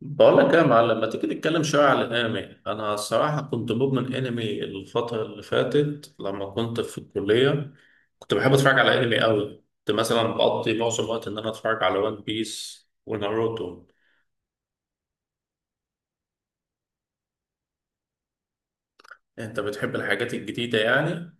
بقول لك يا معلم ما تيجي نتكلم شويه على الانمي. انا الصراحه كنت مدمن انمي الفتره اللي فاتت لما كنت في الكليه. كنت بحب اتفرج على انمي قوي، كنت مثلا بقضي معظم الوقت ان انا اتفرج على وان بيس وناروتو. انت بتحب الحاجات الجديده يعني؟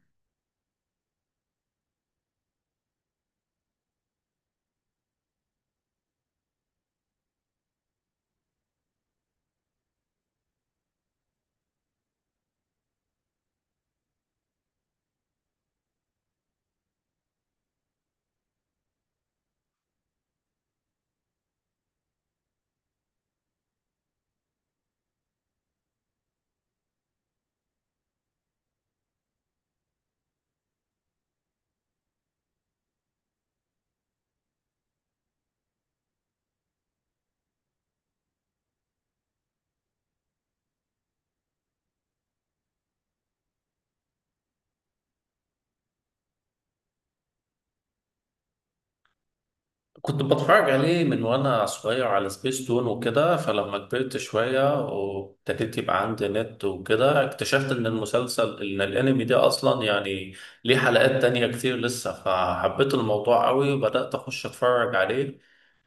كنت بتفرج عليه من وانا صغير على سبيس تون وكده، فلما كبرت شوية وابتديت يبقى عندي نت وكده اكتشفت ان الانمي ده اصلا يعني ليه حلقات تانية كتير لسه، فحبيت الموضوع قوي وبدأت اخش اتفرج عليه.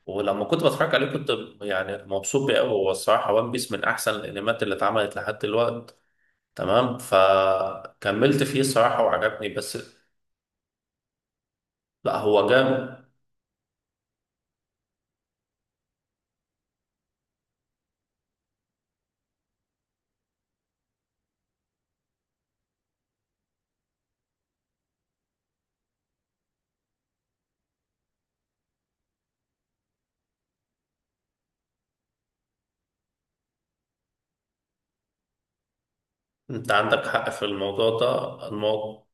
ولما كنت بتفرج عليه كنت يعني مبسوط بيه قوي. هو الصراحة وان بيس من احسن الانميات اللي اتعملت لحد دلوقتي. تمام، فكملت فيه الصراحة وعجبني. بس لا هو جامد. انت عندك حق في الموضوع ده. الموضوع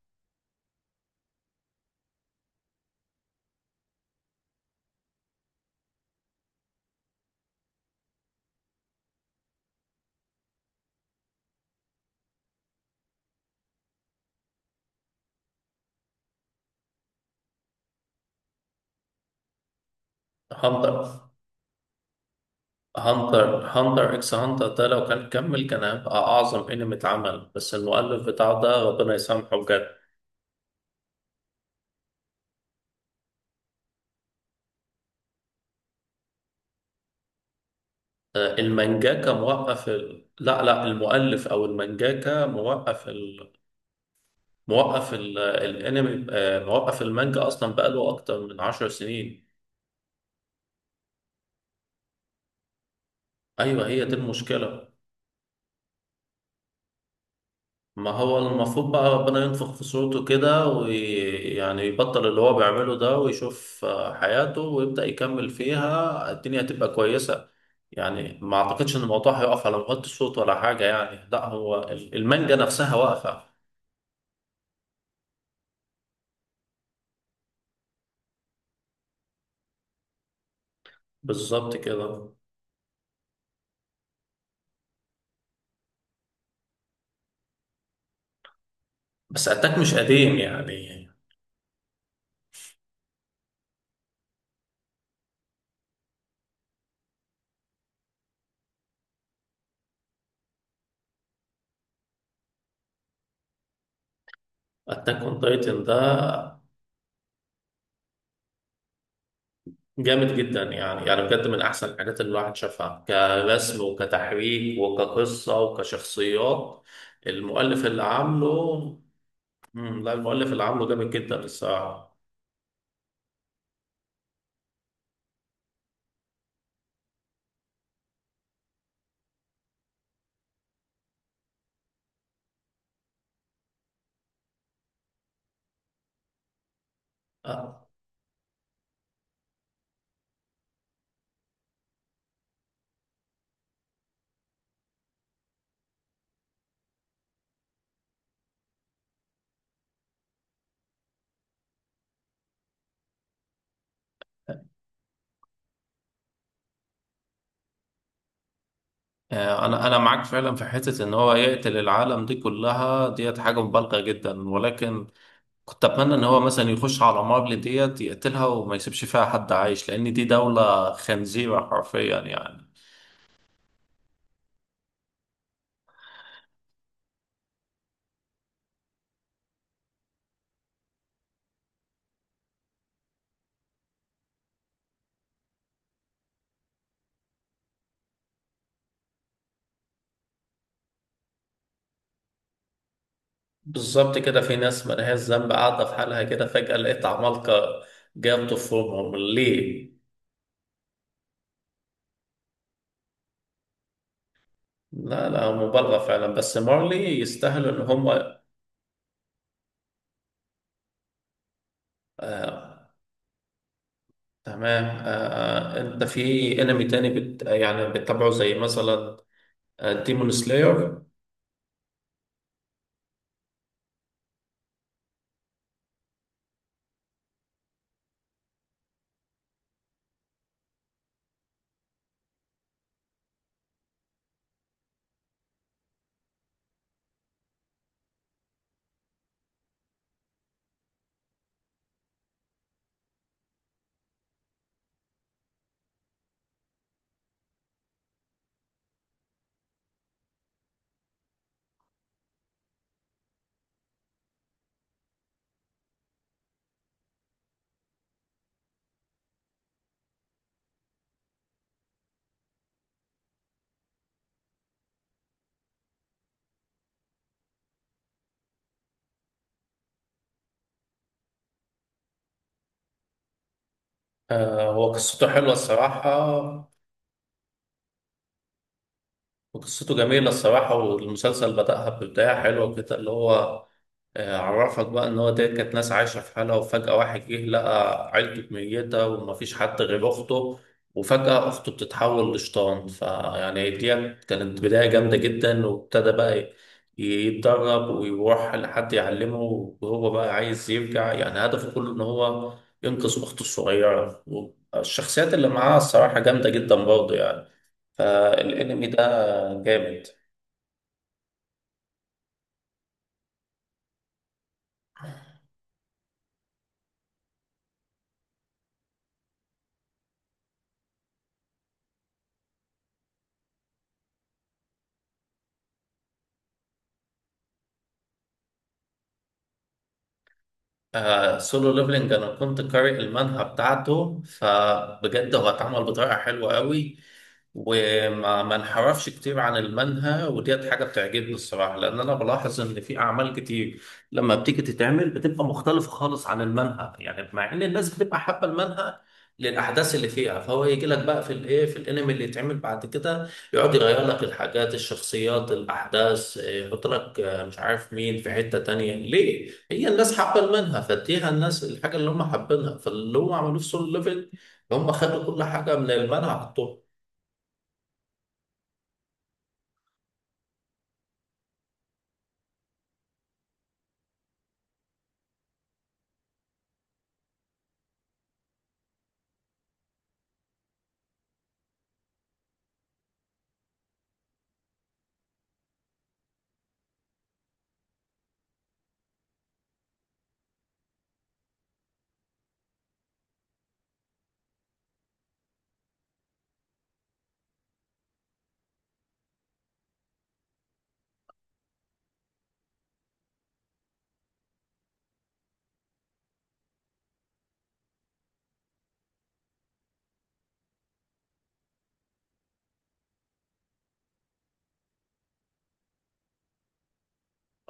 هانتر هانتر اكس هانتر ده لو كان كمل كان هيبقى أعظم أنمي اتعمل، بس المؤلف بتاعه ده ربنا يسامحه بجد. المانجاكا موقف ال... لا المؤلف أو المانجاكا موقف ال... موقف ال... الأنمي. موقف المانجا أصلا بقاله أكتر من 10 سنين. أيوه هي دي المشكلة. ما هو المفروض بقى ربنا ينفخ في صورته كده ويعني يبطل اللي هو بيعمله ده ويشوف حياته ويبدأ يكمل فيها، الدنيا هتبقى كويسة. يعني ما أعتقدش إن الموضوع هيقف على مغطي الصوت ولا حاجة يعني، لا هو المانجا نفسها واقفة. بالظبط كده. بس أتاك مش قديم يعني. أتاك أون تايتن ده جامد جدا يعني، يعني بجد من احسن الحاجات اللي الواحد شافها كرسم وكتحريك وكقصه وكشخصيات. المؤلف اللي عامله لا المؤلف اللي عامله جامد جدا الصراحه. آه، انا معاك فعلا في حته ان هو يقتل العالم دي كلها، ديت حاجه مبالغه جدا، ولكن كنت اتمنى ان هو مثلا يخش على مارل ديت يقتلها وما يسيبش فيها حد عايش، لان دي دوله خنزيره حرفيا يعني. بالظبط كده، في ناس ملهاش ذنب قاعدة في حالها كده فجأة لقيت عمالقة. جاب طفلهم ليه؟ لا لا مبالغة فعلا، بس مارلي يستاهلوا إن هم. آه تمام. آه أنت في أنمي تاني بت يعني بتتابعه زي مثلا ديمون سلاير؟ آه هو قصته حلوة الصراحة، وقصته جميلة الصراحة، والمسلسل بدأها ببداية حلوة كده، اللي هو عرفك بقى ان هو ديت كانت ناس عايشه في حالها وفجاه واحد جه لقى عيلته ميته ومفيش حد غير اخته، وفجاه اخته بتتحول لشيطان. فيعني ديت كانت بدايه جامده جدا، وابتدى بقى يتدرب ويروح لحد يعلمه. وهو بقى عايز يرجع، يعني هدفه كله ان هو ينقذ اخته الصغيره. والشخصيات اللي معاه الصراحه جامده جدا برضه يعني. فالانمي ده جامد. آه سولو ليفلنج انا كنت قارئ المانهوا بتاعته، فبجد هو اتعمل بطريقه حلوه قوي، وما ما انحرفش كتير عن المنهى، وديت حاجة بتعجبني الصراحة، لأن أنا بلاحظ إن في أعمال كتير لما بتيجي تتعمل بتبقى مختلفة خالص عن المنهى، يعني مع إن الناس بتبقى حابة المنهى للأحداث اللي فيها. فهو يجي لك بقى في الإيه في الأنمي اللي يتعمل بعد كده يقعد يغير لك الحاجات، الشخصيات، الأحداث، إيه، يحط لك مش عارف مين في حتة تانية، ليه؟ هي الناس حابة المنهى فاديها الناس الحاجة اللي هم حابينها. فاللي هم عملوه في سول ليفل هم خدوا كل حاجة من المنهى حطوها.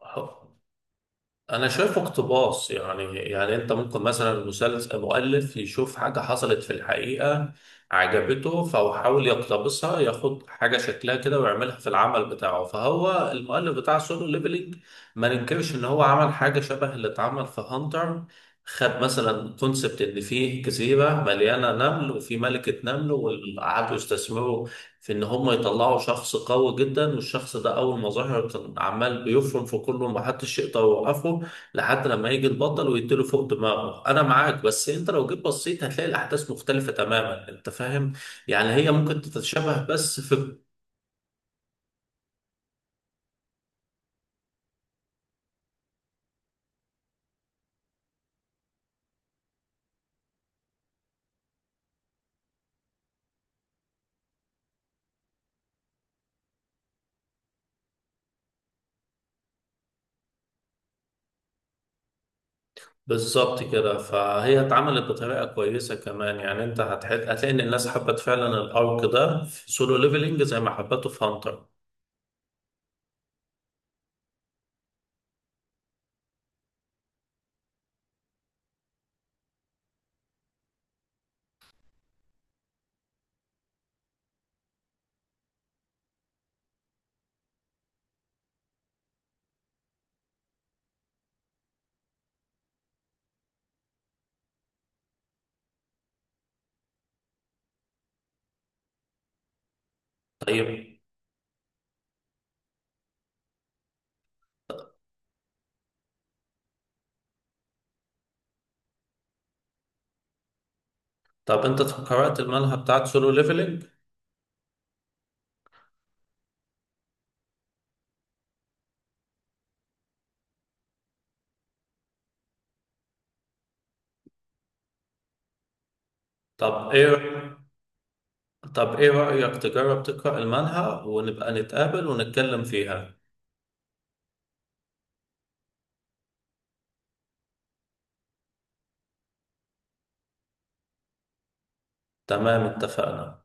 أهو. انا شايفه اقتباس يعني، يعني انت ممكن مثلا المسلسل المؤلف يشوف حاجه حصلت في الحقيقه عجبته فهو حاول يقتبسها، ياخد حاجه شكلها كده ويعملها في العمل بتاعه. فهو المؤلف بتاع سولو ليفلينج ما ننكرش ان هو عمل حاجه شبه اللي اتعمل في هانتر. خد مثلا كونسبت ان فيه جزيره مليانه نمل وفي ملكه نمل وقعدوا يستثمروا في ان هم يطلعوا شخص قوي جدا، والشخص ده اول ما ظهر كان عمال بيفرم في كله ومحدش يقدر يوقفه لحد لما يجي البطل ويديله فوق دماغه. انا معاك، بس انت لو جيت بصيت هتلاقي الاحداث مختلفة تماما، انت فاهم. يعني هي ممكن تتشابه بس في بالظبط كده. فهي اتعملت بطريقة كويسة كمان، يعني انت هتحل... هتلاقي ان الناس حبت فعلا الارك ده في سولو ليفلنج زي ما حبته في هانتر. طيب. طب انت قرأت المانهوا بتاعت سولو ليفلنج؟ طب ايه، طب ايه رأيك تجرب تقرأ المانهوا ونبقى نتقابل ونتكلم فيها؟ تمام اتفقنا.